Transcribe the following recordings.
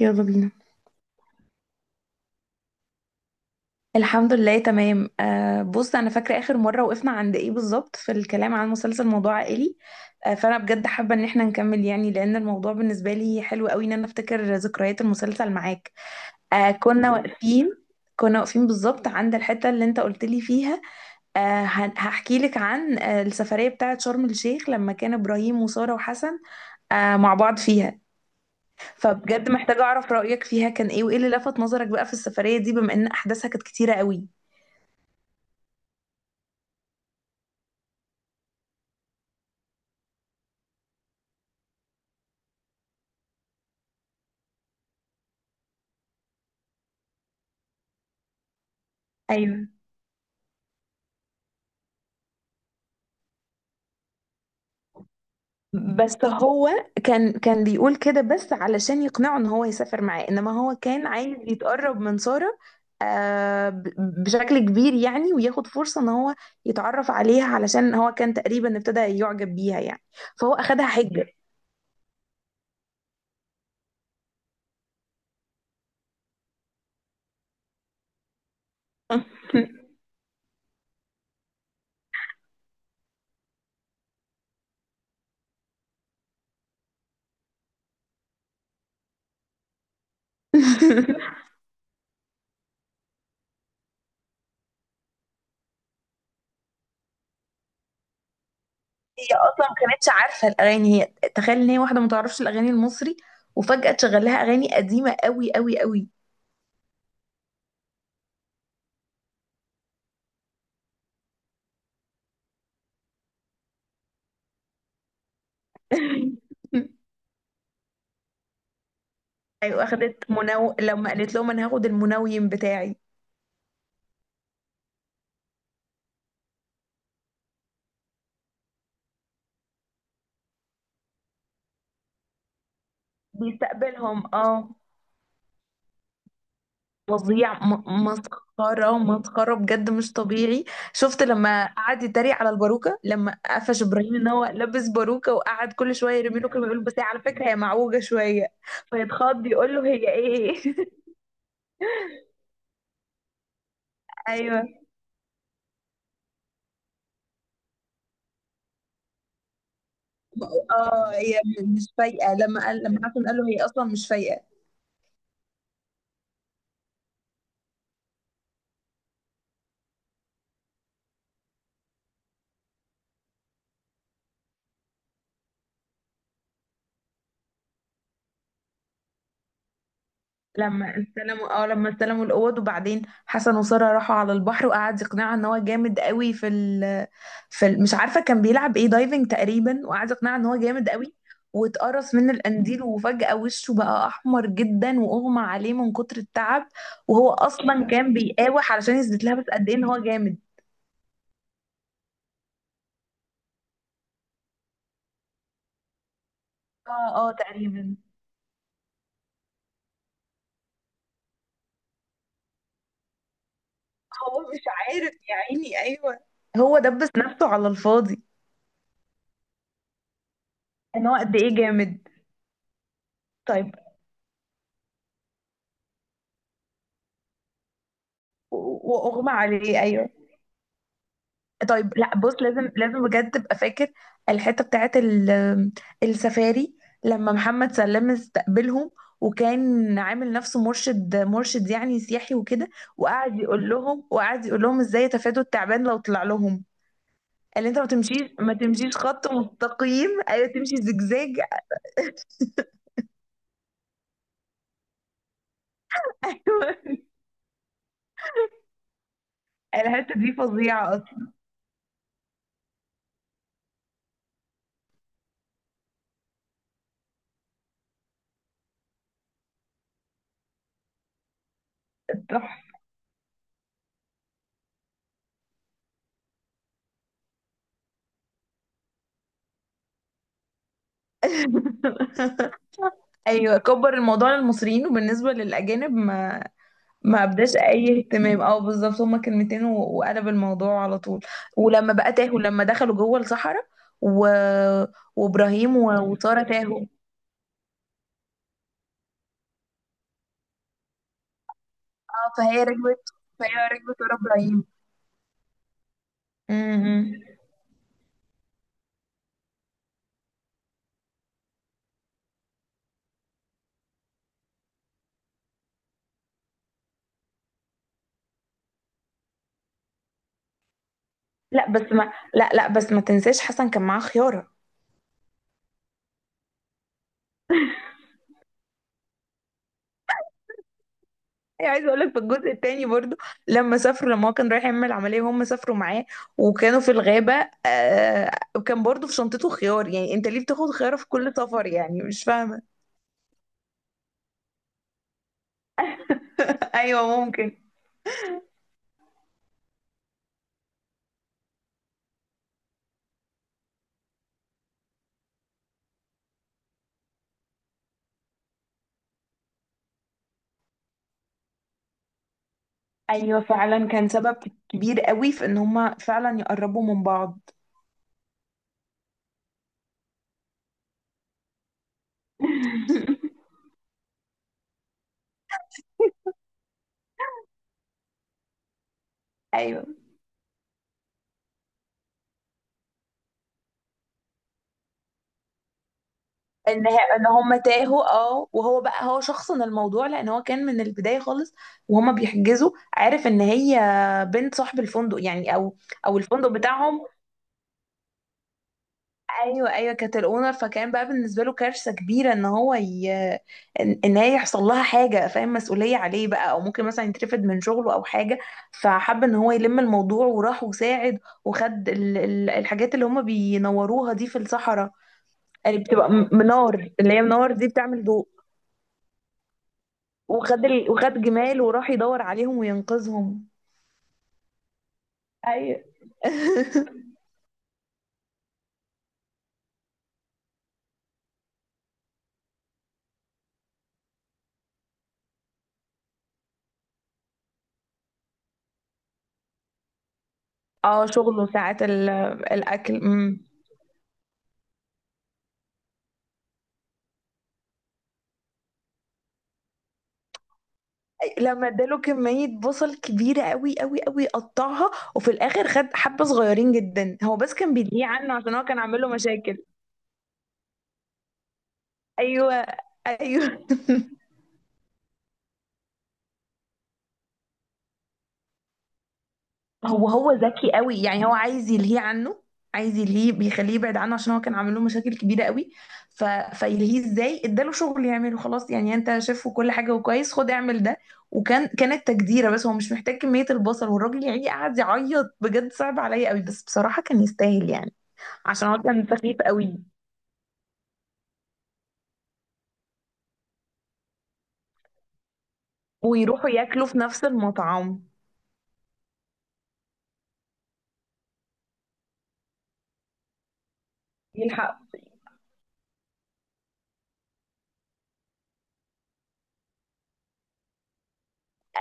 يلا بينا. الحمد لله تمام. آه، بص، انا فاكره اخر مره وقفنا عند ايه بالظبط في الكلام عن مسلسل موضوع عائلي. آه، فانا بجد حابه ان احنا نكمل، يعني لان الموضوع بالنسبه لي حلو قوي، ان انا افتكر ذكريات المسلسل معاك. آه. كنا واقفين بالظبط عند الحته اللي انت قلت لي فيها. آه. هحكي لك عن السفريه بتاعه شرم الشيخ لما كان ابراهيم وساره وحسن مع بعض فيها. فبجد محتاجه اعرف رايك فيها كان ايه وايه اللي لفت نظرك بقى في السفريه دي، بما ان احداثها كانت كتيره قوي. ايوه، بس هو كان بيقول كده بس علشان يقنعه ان هو يسافر معاه، انما هو كان عايز يتقرب من سارة. آه، بشكل كبير يعني، وياخد فرصة ان هو يتعرف عليها، علشان هو كان تقريبا ابتدى يعجب بيها يعني. فهو اخدها حجة. هي اصلا ما كانتش عارفة الاغاني، هي تخيل ان هي واحدة ما تعرفش الاغاني المصري، وفجأة تشغل لها اغاني قديمة قوي قوي قوي. ايوه، اخدت منو لما قالت لهم انا هاخد المنويم بتاعي. بيستقبلهم اه. فظيع، مسخرة مسخرة بجد، مش طبيعي. شفت لما قعد يتريق على الباروكة، لما قفش ابراهيم ان هو لابس باروكة، وقعد كل شوية يرمي له كلمة، يقول بس هي على فكرة هي معوجة شوية. فيتخض يقول له هي ايه؟ ايوه. اه، هي مش فايقة، لما حسن قال له هي اصلا مش فايقة. لما استلموا الاوض، وبعدين حسن وساره راحوا على البحر، وقعد يقنعها ان هو جامد قوي في ال... مش عارفه كان بيلعب ايه، دايفنج تقريبا، وقعد يقنعها ان هو جامد قوي. واتقرص من القنديل، وفجأة وشه بقى أحمر جدا وأغمى عليه من كتر التعب. وهو أصلا كان بيقاوح علشان يثبت لها بس قد إيه إن هو جامد. اه، اه، تقريبا. هو مش عارف يا عيني، أيوه. هو دبس نفسه على الفاضي. إن هو قد إيه جامد. طيب. وأغمى عليه، أيوه. طيب، لا بص، لازم لازم بجد تبقى فاكر الحته بتاعت السفاري، لما محمد سلام استقبلهم وكان عامل نفسه مرشد مرشد يعني سياحي وكده. وقعد يقول لهم ازاي يتفادوا التعبان لو طلع لهم. قال انت ما تمشيش، ما تمشيش خط مستقيم، ايوه تمشي زجزاج. الحته دي فظيعه اصلا. تحفه. ايوه، كبر الموضوع للمصريين وبالنسبه للاجانب ما ابداش اي اهتمام. اه، بالظبط، هما كلمتين وقلب الموضوع على طول. ولما بقى تاهوا لما دخلوا جوه الصحراء و... وابراهيم وساره تاهوا. اه، فهي ركبت ورا ابراهيم. امم. لا لا بس ما تنساش حسن كان معاه خياره. هي عايزه اقول لك في الجزء الثاني برضو، لما هو كان رايح يعمل عمليه وهم سافروا معاه وكانوا في الغابه. آه، وكان برضو في شنطته خيار، يعني انت ليه بتاخد خياره في كل سفر؟ يعني مش فاهمه. ايوه ممكن. ايوه فعلا، كان سبب كبير قوي في ان هما فعلا يقربوا من بعض. ايوه. ان هما تاهوا، اه، وهو بقى، هو شخصن الموضوع لان هو كان من البدايه خالص وهما بيحجزوا عارف ان هي بنت صاحب الفندق يعني، او الفندق بتاعهم. ايوه، ايوه، كانت الاونر، فكان بقى بالنسبه له كارثه كبيره إن هي يحصل لها حاجه فاهم، مسؤوليه عليه بقى، او ممكن مثلا يترفد من شغله او حاجه. فحب ان هو يلم الموضوع وراح وساعد، وخد الحاجات اللي هم بينوروها دي في الصحراء، اللي بتبقى منار اللي هي منار دي بتعمل ضوء. وخد جمال وراح يدور عليهم وينقذهم. ايوه. اه، شغله ساعات الاكل. امم. لما اداله كمية بصل كبيرة قوي قوي قوي، قطعها وفي الاخر خد حبة صغيرين جدا، هو بس كان بيدعيه عنه عشان هو كان عامل له مشاكل. ايوه، ايوه. هو هو ذكي قوي، يعني هو عايز يلهيه عنه. عايز يلهيه، بيخليه يبعد عنه عشان هو كان عامل له مشاكل كبيرة قوي. ف... فيلهيه ازاي؟ اداله شغل يعمله خلاص، يعني انت شايف كل حاجة وكويس، خد اعمل ده. كانت تجديرة، بس هو مش محتاج كمية البصل، والراجل يعني قعد يعيط، بجد صعب عليا قوي، بس بصراحة كان يستاهل يعني. عشان هو كان سخيف قوي. ويروحوا ياكلوا في نفس المطعم. يلحق.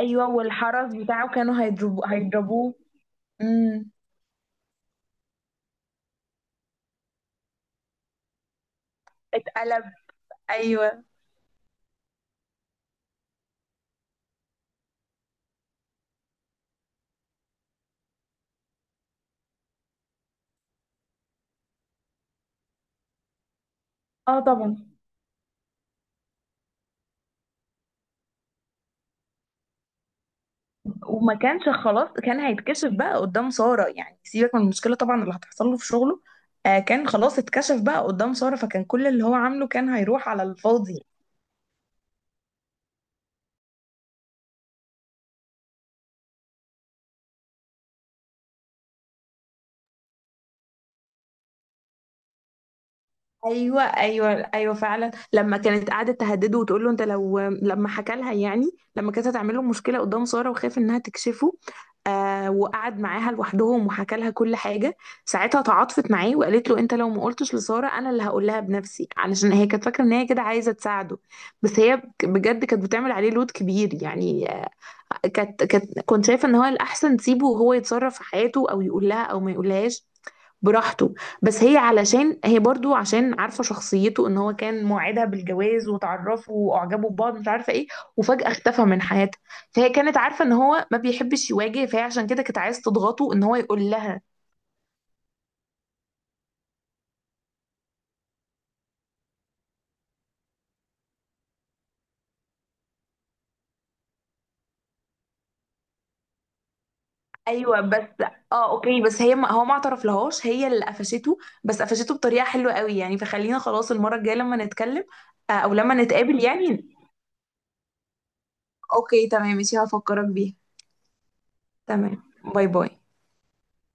ايوه، والحرس بتاعه كانوا هيضربوه. امم. اتقلب. ايوه. اه، طبعا. وما كانش خلاص، كان هيتكشف بقى قدام سارة، يعني سيبك من المشكلة طبعا اللي هتحصل له في شغله. آه، كان خلاص اتكشف بقى قدام سارة، فكان كل اللي هو عامله كان هيروح على الفاضي. ايوه، ايوه، ايوه، فعلا، لما كانت قاعده تهدده وتقول له انت لو، لما حكى لها يعني، لما كانت هتعمل له مشكله قدام ساره وخاف انها تكشفه. آه، وقعد معاها لوحدهم وحكى لها كل حاجة. ساعتها تعاطفت معاه وقالت له انت لو ما قلتش لسارة انا اللي هقول لها بنفسي، علشان هي كانت فاكرة ان هي كده عايزة تساعده. بس هي بجد كانت بتعمل عليه لود كبير، يعني. آه. كانت كانت كنت شايفه ان هو الاحسن تسيبه وهو يتصرف في حياته، او يقول لها او ما يقولهاش براحته. بس هي علشان هي برضو عشان عارفه شخصيته، ان هو كان موعدها بالجواز وتعرفوا واعجبوا ببعض مش عارفه ايه، وفجاه اختفى من حياتها. فهي كانت عارفه ان هو ما بيحبش يواجه، فهي عشان كده كانت عايز تضغطه ان هو يقول لها. ايوه بس. اه، اوكي، بس هي، ما هو ما اعترف لهاش، هي اللي قفشته. بس قفشته بطريقه حلوه قوي يعني، فخلينا خلاص المره الجايه لما نتكلم. آه، او لما نتقابل يعني. اوكي تمام ماشي، هفكرك بيها. تمام. باي باي.